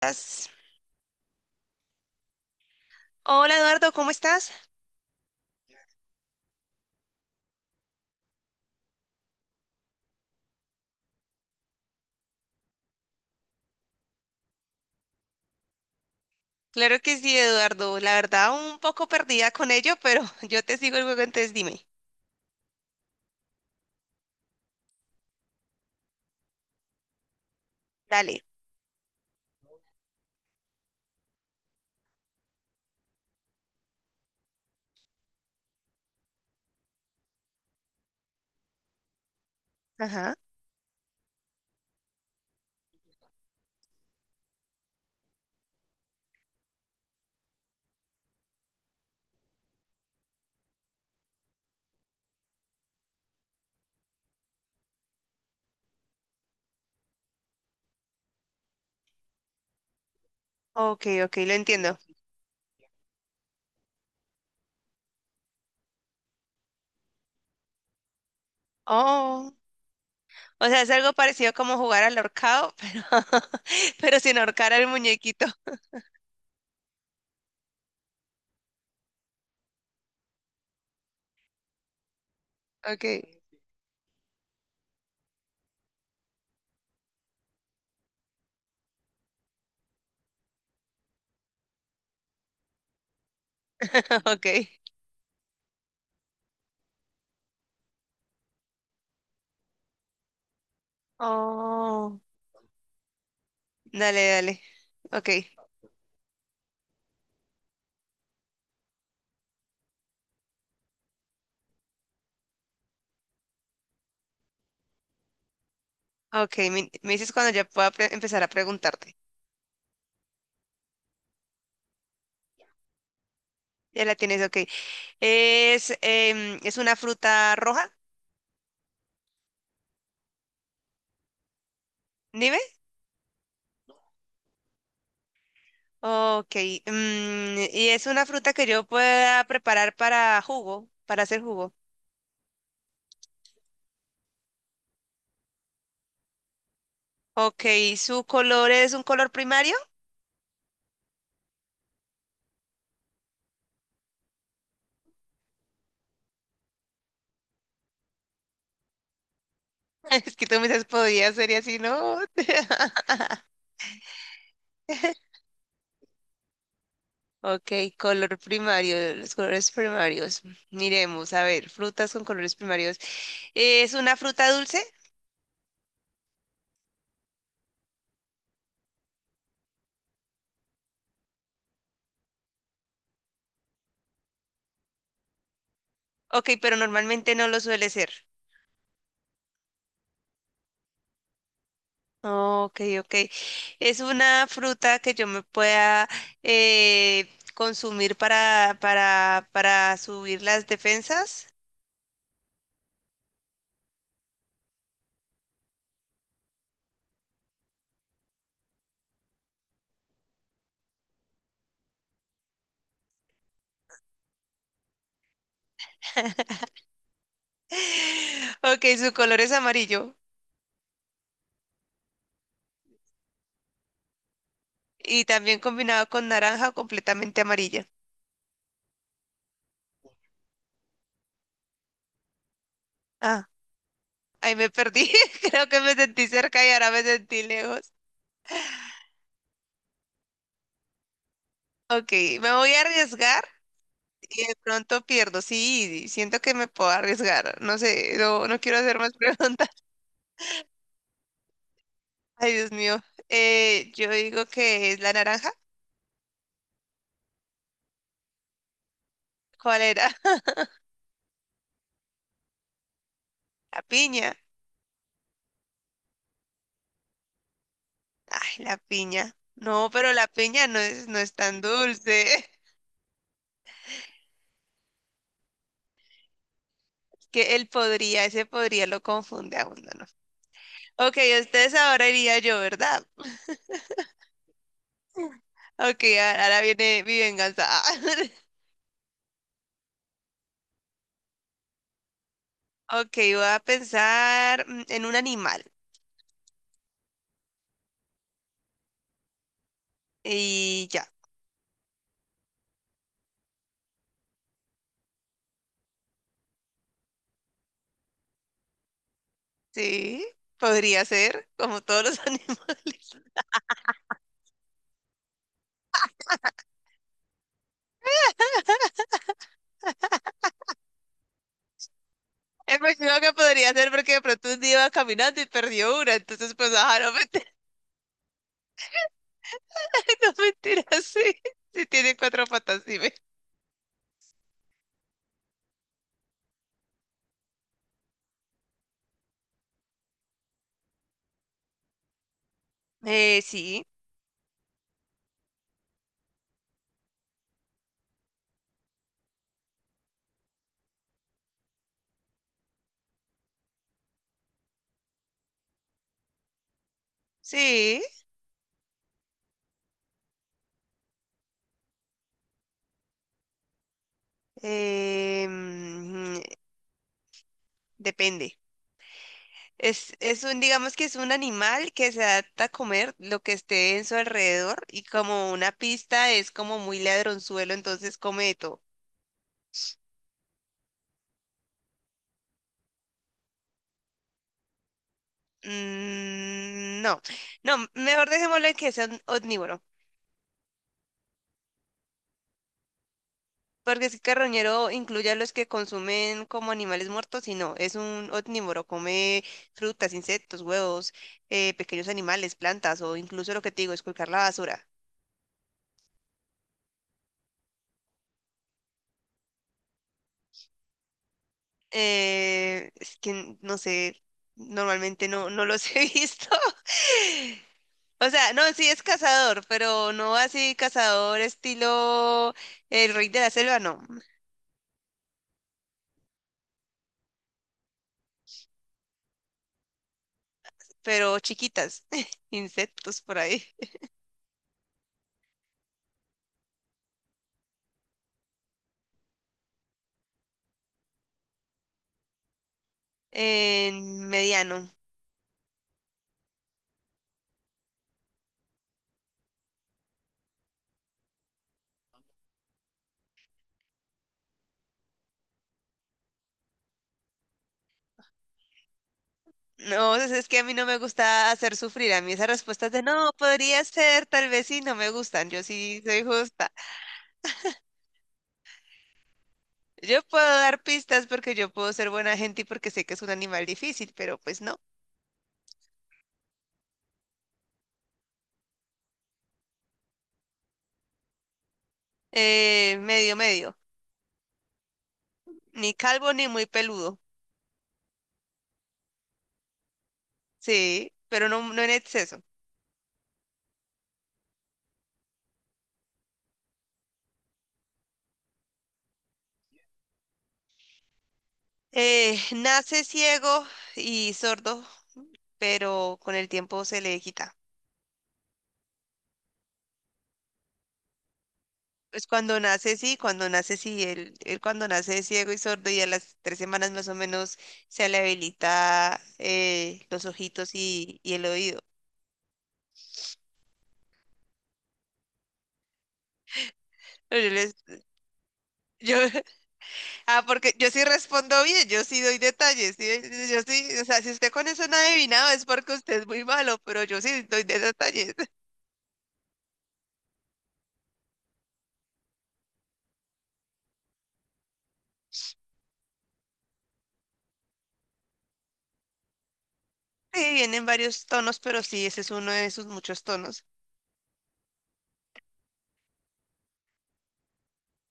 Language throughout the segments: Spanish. Estás? Hola Eduardo, ¿cómo estás? Claro que sí, Eduardo. La verdad, un poco perdida con ello, pero yo te sigo el juego, entonces dime. Dale. Ajá. Ok, ok, lo entiendo. Oh, o sea, es algo parecido como jugar al ahorcado, pero, pero sin ahorcar al muñequito. Ok, ok. Oh. Dale, dale. Ok, ok. Me dices cuando ya pueda empezar a preguntarte. Ya la tienes, ok. ¿Es, ¿es una fruta roja? Dime. Ok, y es una fruta que yo pueda preparar para jugo, para hacer jugo. Ok, ¿su color es un color primario? Es que tú me dices, podría ser y así, ¿no? Ok, color primario, los colores primarios. Miremos, a ver, frutas con colores primarios. ¿Es una fruta dulce? Ok, pero normalmente no lo suele ser. No, ok, ok. Es una fruta que yo me pueda eh, consumir para subir las defensas. Ok, su color es amarillo y también combinado con naranja completamente amarilla. Ah, ahí me perdí. Creo que me sentí cerca y ahora me sentí lejos. Ok, me voy a arriesgar y de pronto pierdo. Sí, siento que me puedo arriesgar. No sé, no, no quiero hacer más preguntas. Ay, Dios mío. Yo digo que es la naranja. ¿Cuál era? La piña. Ay, la piña. No, pero la piña no es, no es tan dulce. Es que él podría, ese podría lo confunde a uno, ¿no? Ok, ustedes ahora iría yo, ¿verdad? Ok, ahora viene mi venganza. Ok, voy a pensar en un animal. Y ya. Sí, podría ser, como todos los animales. Es máximo que podría ser porque de pronto un día iba caminando y perdió una, entonces pues ajá, no mentira, no mentira, sí, sí tiene cuatro patas, dime. Sí, sí, eh, mm, depende. Es un, digamos que es un animal que se adapta a comer lo que esté en su alrededor y como una pista es como muy ladronzuelo, entonces come de todo. No, no, mejor dejémoslo en que sea un omnívoro. Porque es que carroñero incluye a los que consumen como animales muertos y no, es un omnívoro, come frutas, insectos, huevos, pequeños animales, plantas o incluso lo que te digo, esculcar la basura. Es que no sé, normalmente no, no los he visto. O sea, no, sí es cazador, pero no así cazador estilo el rey de la selva, no, pero chiquitas, insectos por ahí. En mediano. No, es que a mí no me gusta hacer sufrir. A mí esas respuestas de no, podría ser, tal vez sí, no me gustan. Yo sí soy justa. Yo puedo dar pistas porque yo puedo ser buena gente y porque sé que es un animal difícil, pero pues no. Medio, medio. Ni calvo ni muy peludo. Sí, pero no, no en exceso. Nace ciego y sordo, pero con el tiempo se le quita. Pues cuando nace, sí, él cuando nace es ciego y sordo y a las 3 semanas más o menos se le habilita los ojitos y el oído. Pero yo, ah, porque yo sí respondo bien, yo sí doy detalles, ¿sí ve? Yo sí, o sea, si usted con eso no ha adivinado es porque usted es muy malo, pero yo sí doy detalles. Sí, vienen varios tonos, pero sí, ese es uno de sus muchos tonos.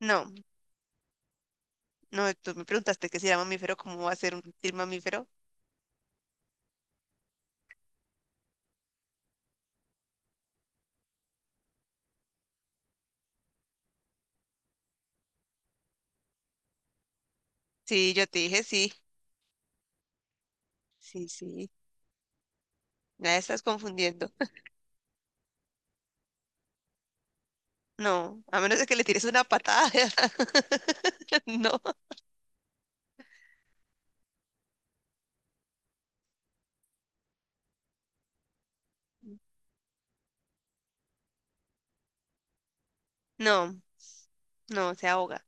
No, no, tú me preguntaste que si era mamífero, ¿cómo va a ser un reptil mamífero? Sí, yo te dije sí. Sí, sí. Ya estás confundiendo. No, a menos de que le tires una patada. No, no, no, se ahoga.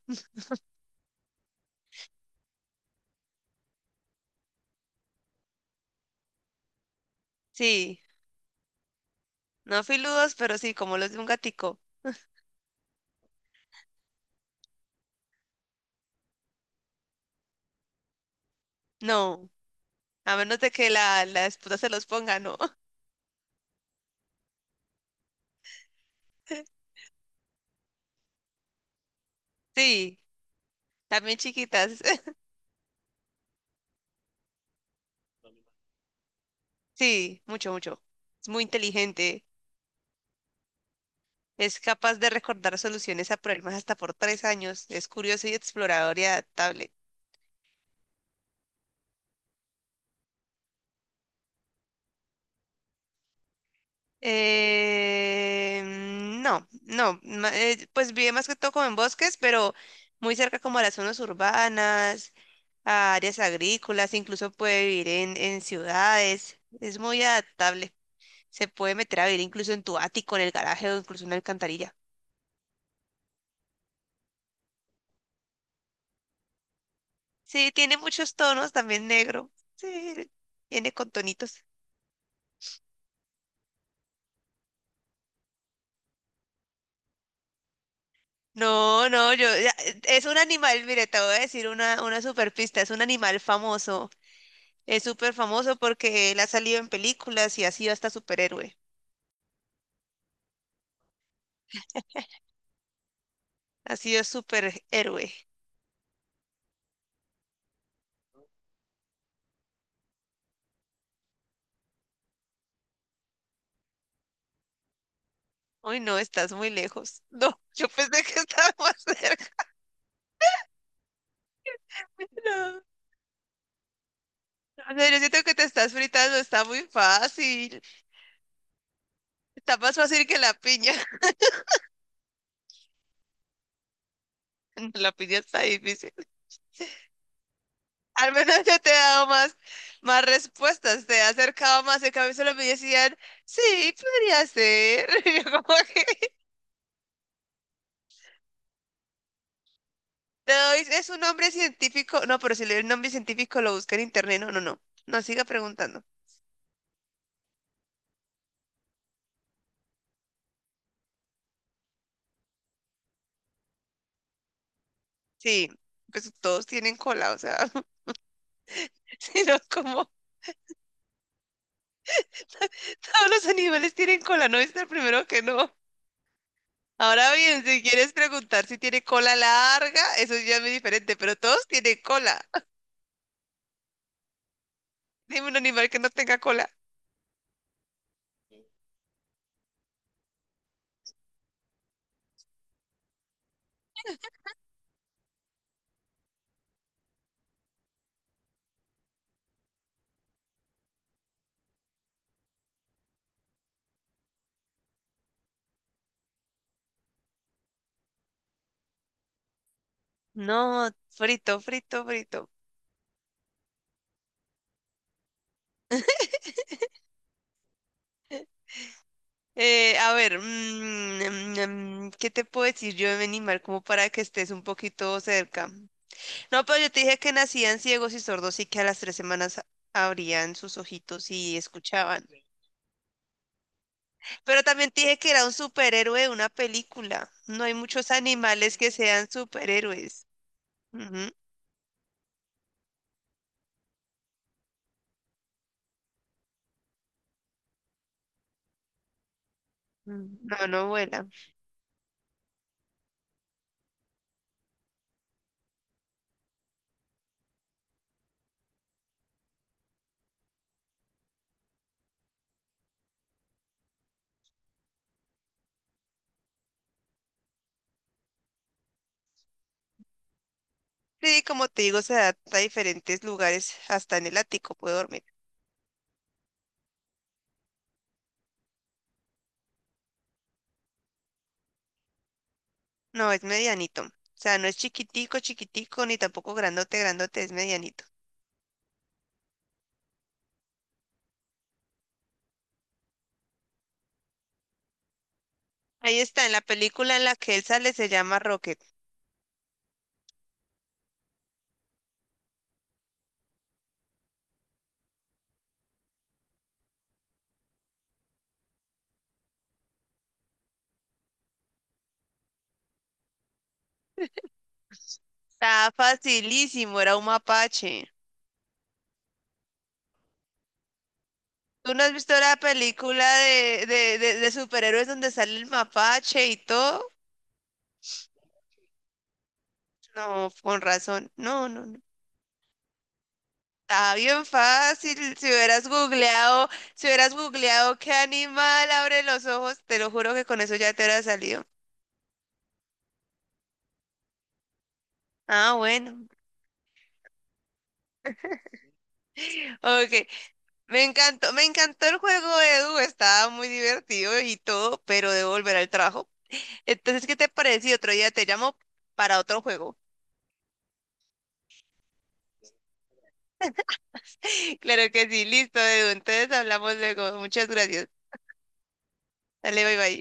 Sí, no filudos, pero sí, como los de un gatico. No, a menos de que la esposa se los ponga, no. Sí, también chiquitas. Sí, mucho, mucho. Es muy inteligente. Es capaz de recordar soluciones a problemas hasta por 3 años. Es curioso y explorador y adaptable. Eh, no, no, pues vive más que todo como en bosques, pero muy cerca como a las zonas urbanas, a áreas agrícolas, incluso puede vivir en ciudades, es muy adaptable, se puede meter a vivir incluso en tu ático, en el garaje o incluso en una alcantarilla. Sí, tiene muchos tonos, también negro, sí, viene con tonitos. No, no, yo, ya, es un animal, mire, te voy a decir una super pista, es un animal famoso. Es súper famoso porque él ha salido en películas y ha sido hasta superhéroe. Ha sido superhéroe. Uy, no, estás muy lejos. No, yo pensé que estaba más cerca. No. O sea, yo siento que te estás fritando, está muy fácil. Está más fácil que la piña. No, la piña está difícil. Al menos yo te he dado más, más respuestas, te he acercado más. En cambio, solo me decían, sí, podría ser. Y yo como que no, es un nombre científico. No, pero si le doy el nombre científico lo busca en internet. No, no, no. No siga preguntando. Sí, pues todos tienen cola, o sea, sino no, como todos los animales tienen cola, no es el primero que no. Ahora bien, si quieres preguntar si tiene cola larga, eso ya es muy diferente, pero todos tienen cola. Dime un animal que no tenga cola. No, frito, frito, frito. A ver, ¿qué te puedo decir yo de mi animal como para que estés un poquito cerca? No, pero yo te dije que nacían ciegos y sordos y que a las 3 semanas abrían sus ojitos y escuchaban. Pero también te dije que era un superhéroe de una película. No hay muchos animales que sean superhéroes. Ujú. No, no vuela. Sí, como te digo, se adapta a diferentes lugares. Hasta en el ático puede dormir. No, es medianito. O sea, no es chiquitico, chiquitico, ni tampoco grandote, grandote, es medianito. Ahí está, en la película en la que él sale se llama Rocket. Está facilísimo, era un mapache. ¿Tú no has visto la película de superhéroes donde sale el mapache y todo? No, con razón. No, no, no. Está bien fácil. Si hubieras googleado, si hubieras googleado qué animal abre los ojos, te lo juro que con eso ya te hubiera salido. Ah, bueno. Ok. Me encantó el juego, Edu. Estaba muy divertido y todo, pero debo volver al trabajo. Entonces, ¿qué te parece? Si otro día te llamo para otro juego. Claro que sí, listo, Edu. Entonces hablamos luego. Muchas gracias. Dale, bye bye.